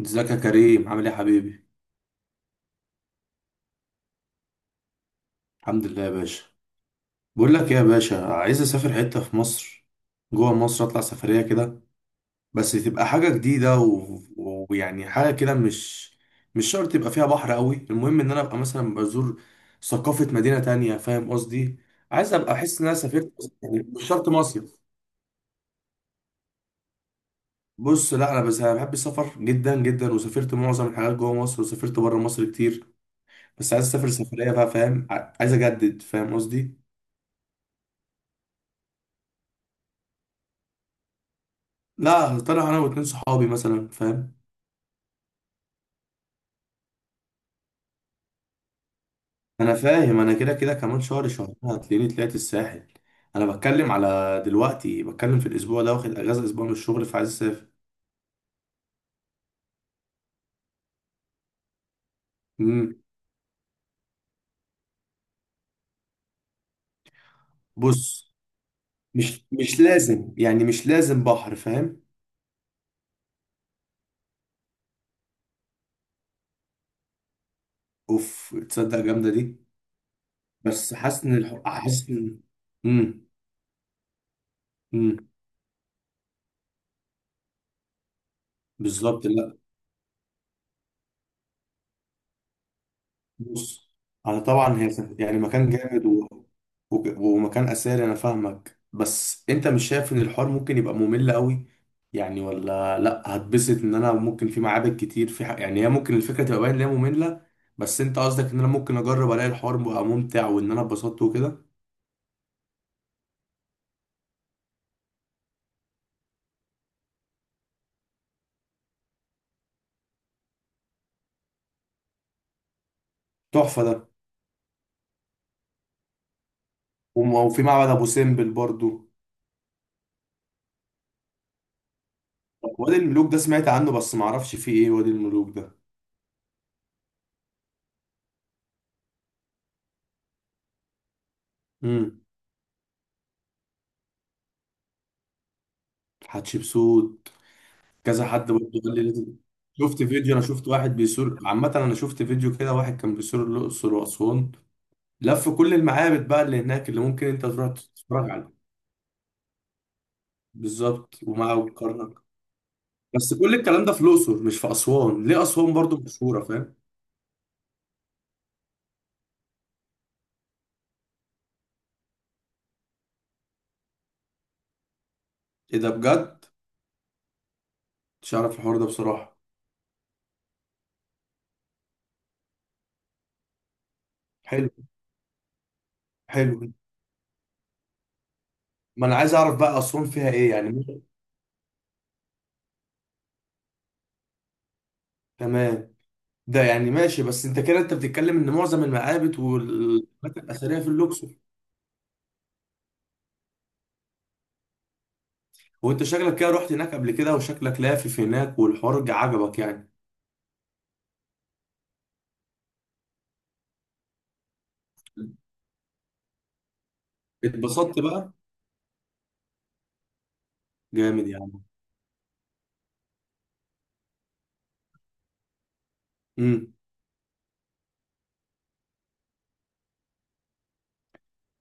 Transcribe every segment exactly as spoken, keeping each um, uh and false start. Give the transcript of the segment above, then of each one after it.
ازيك يا كريم؟ عامل ايه يا حبيبي؟ الحمد لله يا باشا. بقول لك ايه يا باشا، عايز اسافر حته في مصر، جوه مصر، اطلع سفريه كده. بس تبقى حاجه جديده و- و- ويعني حاجه كده، مش مش شرط يبقى فيها بحر قوي، المهم ان انا ابقى مثلا بزور ثقافه مدينه تانية. فاهم قصدي؟ عايز ابقى احس ان انا سافرت. يعني مش شرط مصيف. بص، لا، انا بس أنا بحب السفر جدا جدا، وسافرت معظم الحاجات جوه مصر، وسافرت بره مصر كتير، بس عايز اسافر سفريه بقى. فاهم؟ ع- عايز اجدد. فاهم قصدي؟ لا، طلع انا واتنين صحابي مثلا. فاهم؟ انا فاهم. انا كده كده كمان شهر، شهرين هتلاقيني طلعت الساحل. انا بتكلم على دلوقتي، بتكلم في الاسبوع ده، واخد اجازه اسبوع من الشغل فعايز اسافر. امم بص، مش مش لازم، يعني مش لازم بحر. فاهم؟ اوف، تصدق جامده دي. بس حاسس ان الح- حاسس ان امم امم بالظبط. بص، انا طبعا هي كانت- يعني مكان جامد و... و... ومكان اثري. انا فاهمك، بس انت مش شايف ان الحوار ممكن يبقى ممل قوي؟ يعني ولا لا هتبسط ان انا ممكن في معابد كتير في ح... يعني هي ممكن الفكره تبقى باين ان هي ممله. بس انت قصدك ان انا ممكن اجرب الاقي الحوار بقى ممتع، وان انا اتبسطت وكده. تحفه ده. وم- وفي معبد ابو سمبل برضو. طب وادي الملوك ده سمعت عنه، بس معرفش فيه ايه وادي الملوك ده. امم حتشبسوت. كذا حد برضه قال لي لازم- شفت فيديو، انا شفت واحد بيسور، عامة انا شفت فيديو كده، واحد كان بيسور الاقصر واسوان، لف كل المعابد بقى اللي هناك اللي ممكن انت تروح تتفرج عليها. بالظبط، ومعه كرنك. بس كل الكلام ده في الاقصر مش في اسوان، ليه اسوان برضه مشهوره؟ فاهم؟ ايه ده بجد؟ مش عارف الحوار ده بصراحة. حلو. حلو. ما انا عايز اعرف بقى اسوان فيها ايه، يعني مين- تمام. ده يعني ماشي، بس انت كده انت بتتكلم ان معظم المعابد والاماكن الاثريه في الاقصر. وانت شكلك كده رحت هناك قبل كده، وشكلك لافف هناك، والحوار جا- عجبك يعني. اتبسطت بقى. جامد يعني. امم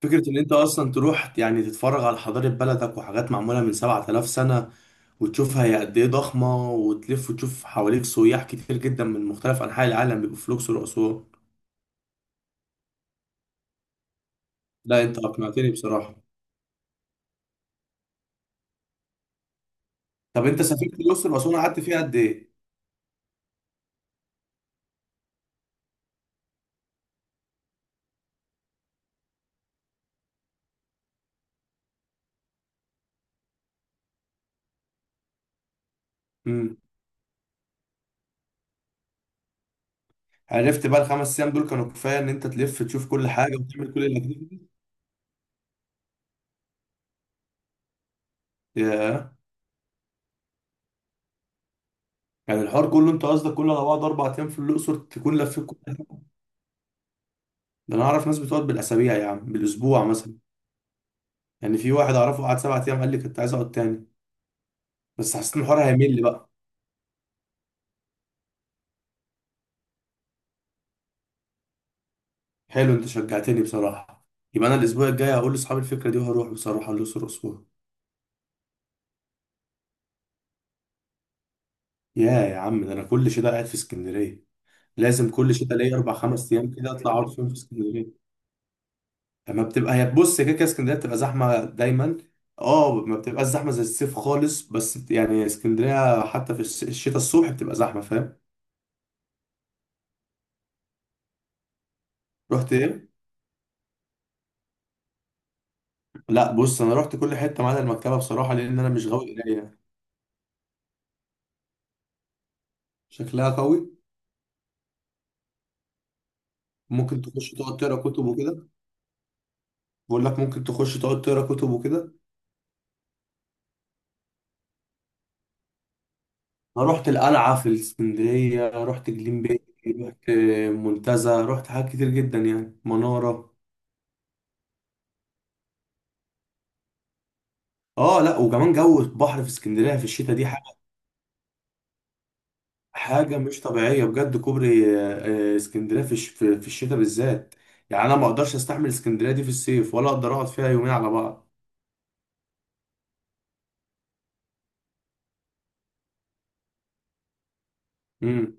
فكرة ان انت اصلا تروح يعني تتفرج على حضارة بلدك، وحاجات معمولة من سبعة آلاف سنة، وتشوفها هي قد ايه ضخمة، وتلف وتشوف حواليك سياح كتير جدا من مختلف انحاء العالم بيبقوا في الاقصر واسوان. لا انت اقنعتني بصراحة. طب انت سافرت الاقصر واسوان، قعدت فيها قد ايه؟ امم عرفت بقى الخمس ايام دول كانوا كفاية ان انت تلف تشوف كل حاجة وتعمل كل الاكتيفيتي؟ يعني الحوار كله، انت قصدك كله على بعض اربع ايام في الاقصر تكون لفيت كل حاجة؟ ده انا اعرف ناس بتقعد بالاسابيع يا عم، بالاسبوع مثلا. يعني في واحد اعرفه قعد سبع ايام قال لي كنت عايز اقعد تاني، بس حسيت ان الحوار هيمل بقى. حلو، انت شجعتني بصراحه. يبقى انا الاسبوع الجاي هقول لاصحابي الفكره دي، وهروح بصراحه الاقصر اسبوع. يا يا عم، ده انا كل شتاء قاعد في اسكندريه. لازم كل شتاء ليا اربع خمس ايام كده اطلع اقعد فيهم في اسكندريه. لما بتبقى هي، بص، هي كده كده اسكندريه بتبقى زحمه دايما. اه، ما بتبقاش زحمه زي الصيف خالص، بس بت- يعني اسكندريه حتى في الش- الشتاء الصبح بتبقى زحمه. فاهم؟ رحت ايه؟ لا بص، انا رحت كل حته ما عدا المكتبه بصراحه، لان انا مش غاوي قرايه. شكلها قوي. ممكن تخش تقعد تقرا كتب وكده. بقول لك، ممكن تخش تقعد تقرا كتب وكده. انا رحت القلعه في الاسكندريه، رحت جليم بيه، رحت منتزه، رحت حاجات كتير جدا، يعني مناره. اه، لا، وكمان جو البحر في اسكندريه في الشتاء دي حاجة مش طبيعية بجد. كوبري آه، آه، اسكندرية في الش- في في الشتاء بالذات. يعني أنا ما أقدرش أستحمل اسكندرية دي في الصيف، ولا أقدر أقعد فيها يومين على بعض. امم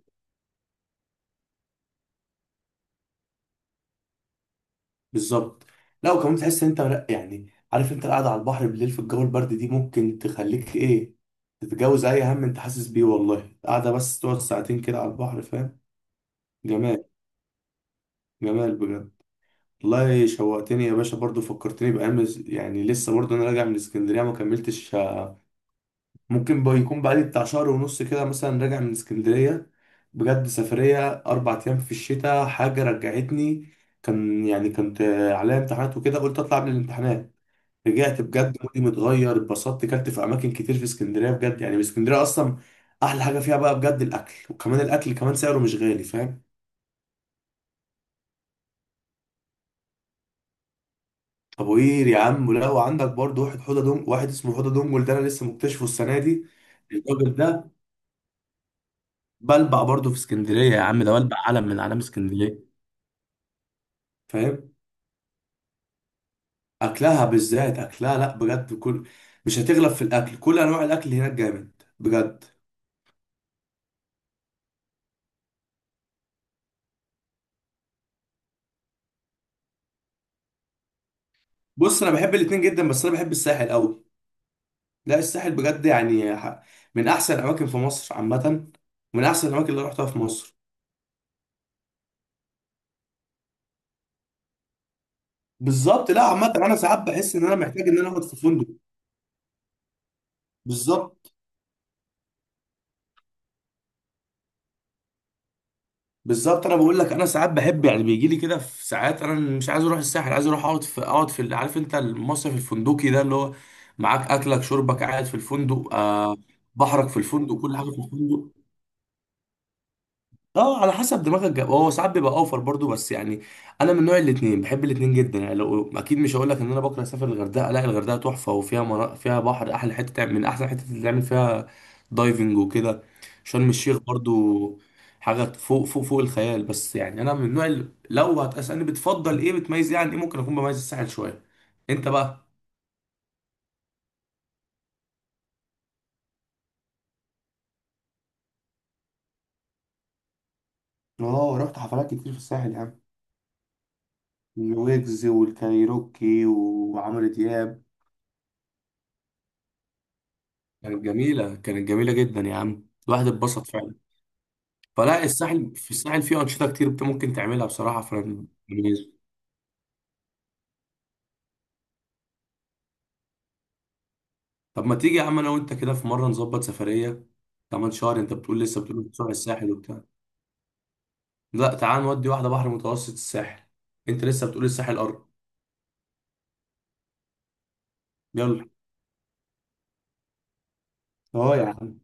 بالظبط. لا، وكمان تحس إن أنت، لا يعني، عارف أنت القعدة على البحر بالليل في الجو البرد دي ممكن تخليك إيه، تتجاوز أي هم أنت حاسس بيه. والله قاعدة بس تقعد ساعتين كده على البحر، فاهم؟ جمال. جمال بجد. والله شوقتني يا باشا برضو، فكرتني بأيام. يعني لسه برضو أنا راجع من اسكندرية ما كملتش، ممكن بقى يكون بقالي بتاع شهر ونص كده مثلا راجع من اسكندرية. بجد سفرية أربع أيام في الشتاء، حاجة رجعتني. كان يعني كنت عليا امتحانات وكده، قلت أطلع قبل الامتحانات. رجعت بجد مودي متغير، اتبسطت، كلت في أماكن كتير في اسكندرية. بجد يعني اسكندرية أصلا أحلى حاجة فيها بقى بجد الأكل، وكمان الأكل كمان سعره مش غالي. فاهم؟ أبو قير يا عم، لا، وعندك برضه واحد حوضة دونج، واحد اسمه حوضة دونجل، ده أنا لسه مكتشفه السنة دي. الراجل ده. بلبع برضه في اسكندرية يا عم، ده بلبع علم من أعلام اسكندرية. فاهم؟ اكلها بالذات اكلها، لا بجد، كل، مش هتغلب في الاكل، كل انواع الاكل هناك جامد بجد. بص، انا بحب الاتنين جدا، بس انا بحب الساحل قوي. لا الساحل بجد، يعني ح- من احسن الاماكن في مصر عامه، من احسن الاماكن اللي رحتها في مصر. بالظبط. لا عامه انا ساعات بحس ان انا محتاج ان انا اقعد في فندق. بالظبط. بالظبط. انا بقول لك، انا ساعات بحب، يعني بيجي لي كده في ساعات انا مش عايز اروح الساحل، عايز اروح اقعد في، اقعد في ال- عارف انت المصيف الفندقي ده، اللي هو معاك اكلك شربك، قاعد في الفندق، آه. بحرك في الفندق، كل حاجه في الفندق. اه، على حسب دماغك جاب، هو ساعات بيبقى اوفر برضو، بس يعني انا من نوع الاتنين، بحب الاتنين جدا. يعني لو، اكيد مش هقول لك ان انا بكره اسافر الغردقه، لا الغردقه تحفه، وفيها منا... فيها بحر احلى حته تعمل، من احسن حته اللي تعمل فيها دايفنج وكده. شرم الشيخ برضو حاجه فوق فوق فوق الخيال. بس يعني انا من نوع ال... لو هتسالني بتفضل ايه، بتميز ايه عن ايه، ممكن اكون بميز الساحل شويه. انت بقى. اه، رحت حفلات كتير في الساحل يا عم، الويجز والكايروكي وعمرو دياب. كانت جميلة، كانت جميلة جدا يا عم، الواحد اتبسط فعلا. فلا الساحل، في الساحل فيه أنشطة كتير بت- ممكن تعملها بصراحة في الجميز. طب ما تيجي يا عم أنا وأنت كده في مرة نظبط سفرية كمان شهر؟ أنت بتقول لسه، بتقول بتروح الساحل وبتاع. لا، تعال نودي واحدة بحر متوسط الساحل. أنت لسه بتقول الساحل أرض. يلا. أه يا عم.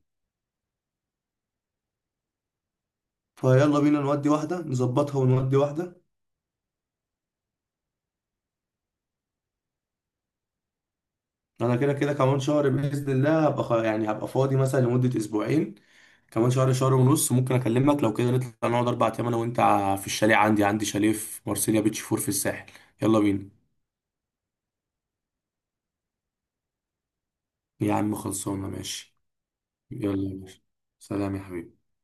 فيلا بينا نودي واحدة، نظبطها ونودي واحدة. أنا كده كده كمان شهر بإذن الله هبقى خ- يعني هبقى فاضي مثلا لمدة أسبوعين. كمان شهر، شهر ونص، ممكن اكلمك لو كده نطلع نقعد اربع ايام انا وانت، ع- في الشاليه، عندي عندي شاليه في مارسيليا بيتش فور في الساحل. يلا بينا يا عم، خلصانه، ماشي. يلا يا باشا، سلام يا حبيبي.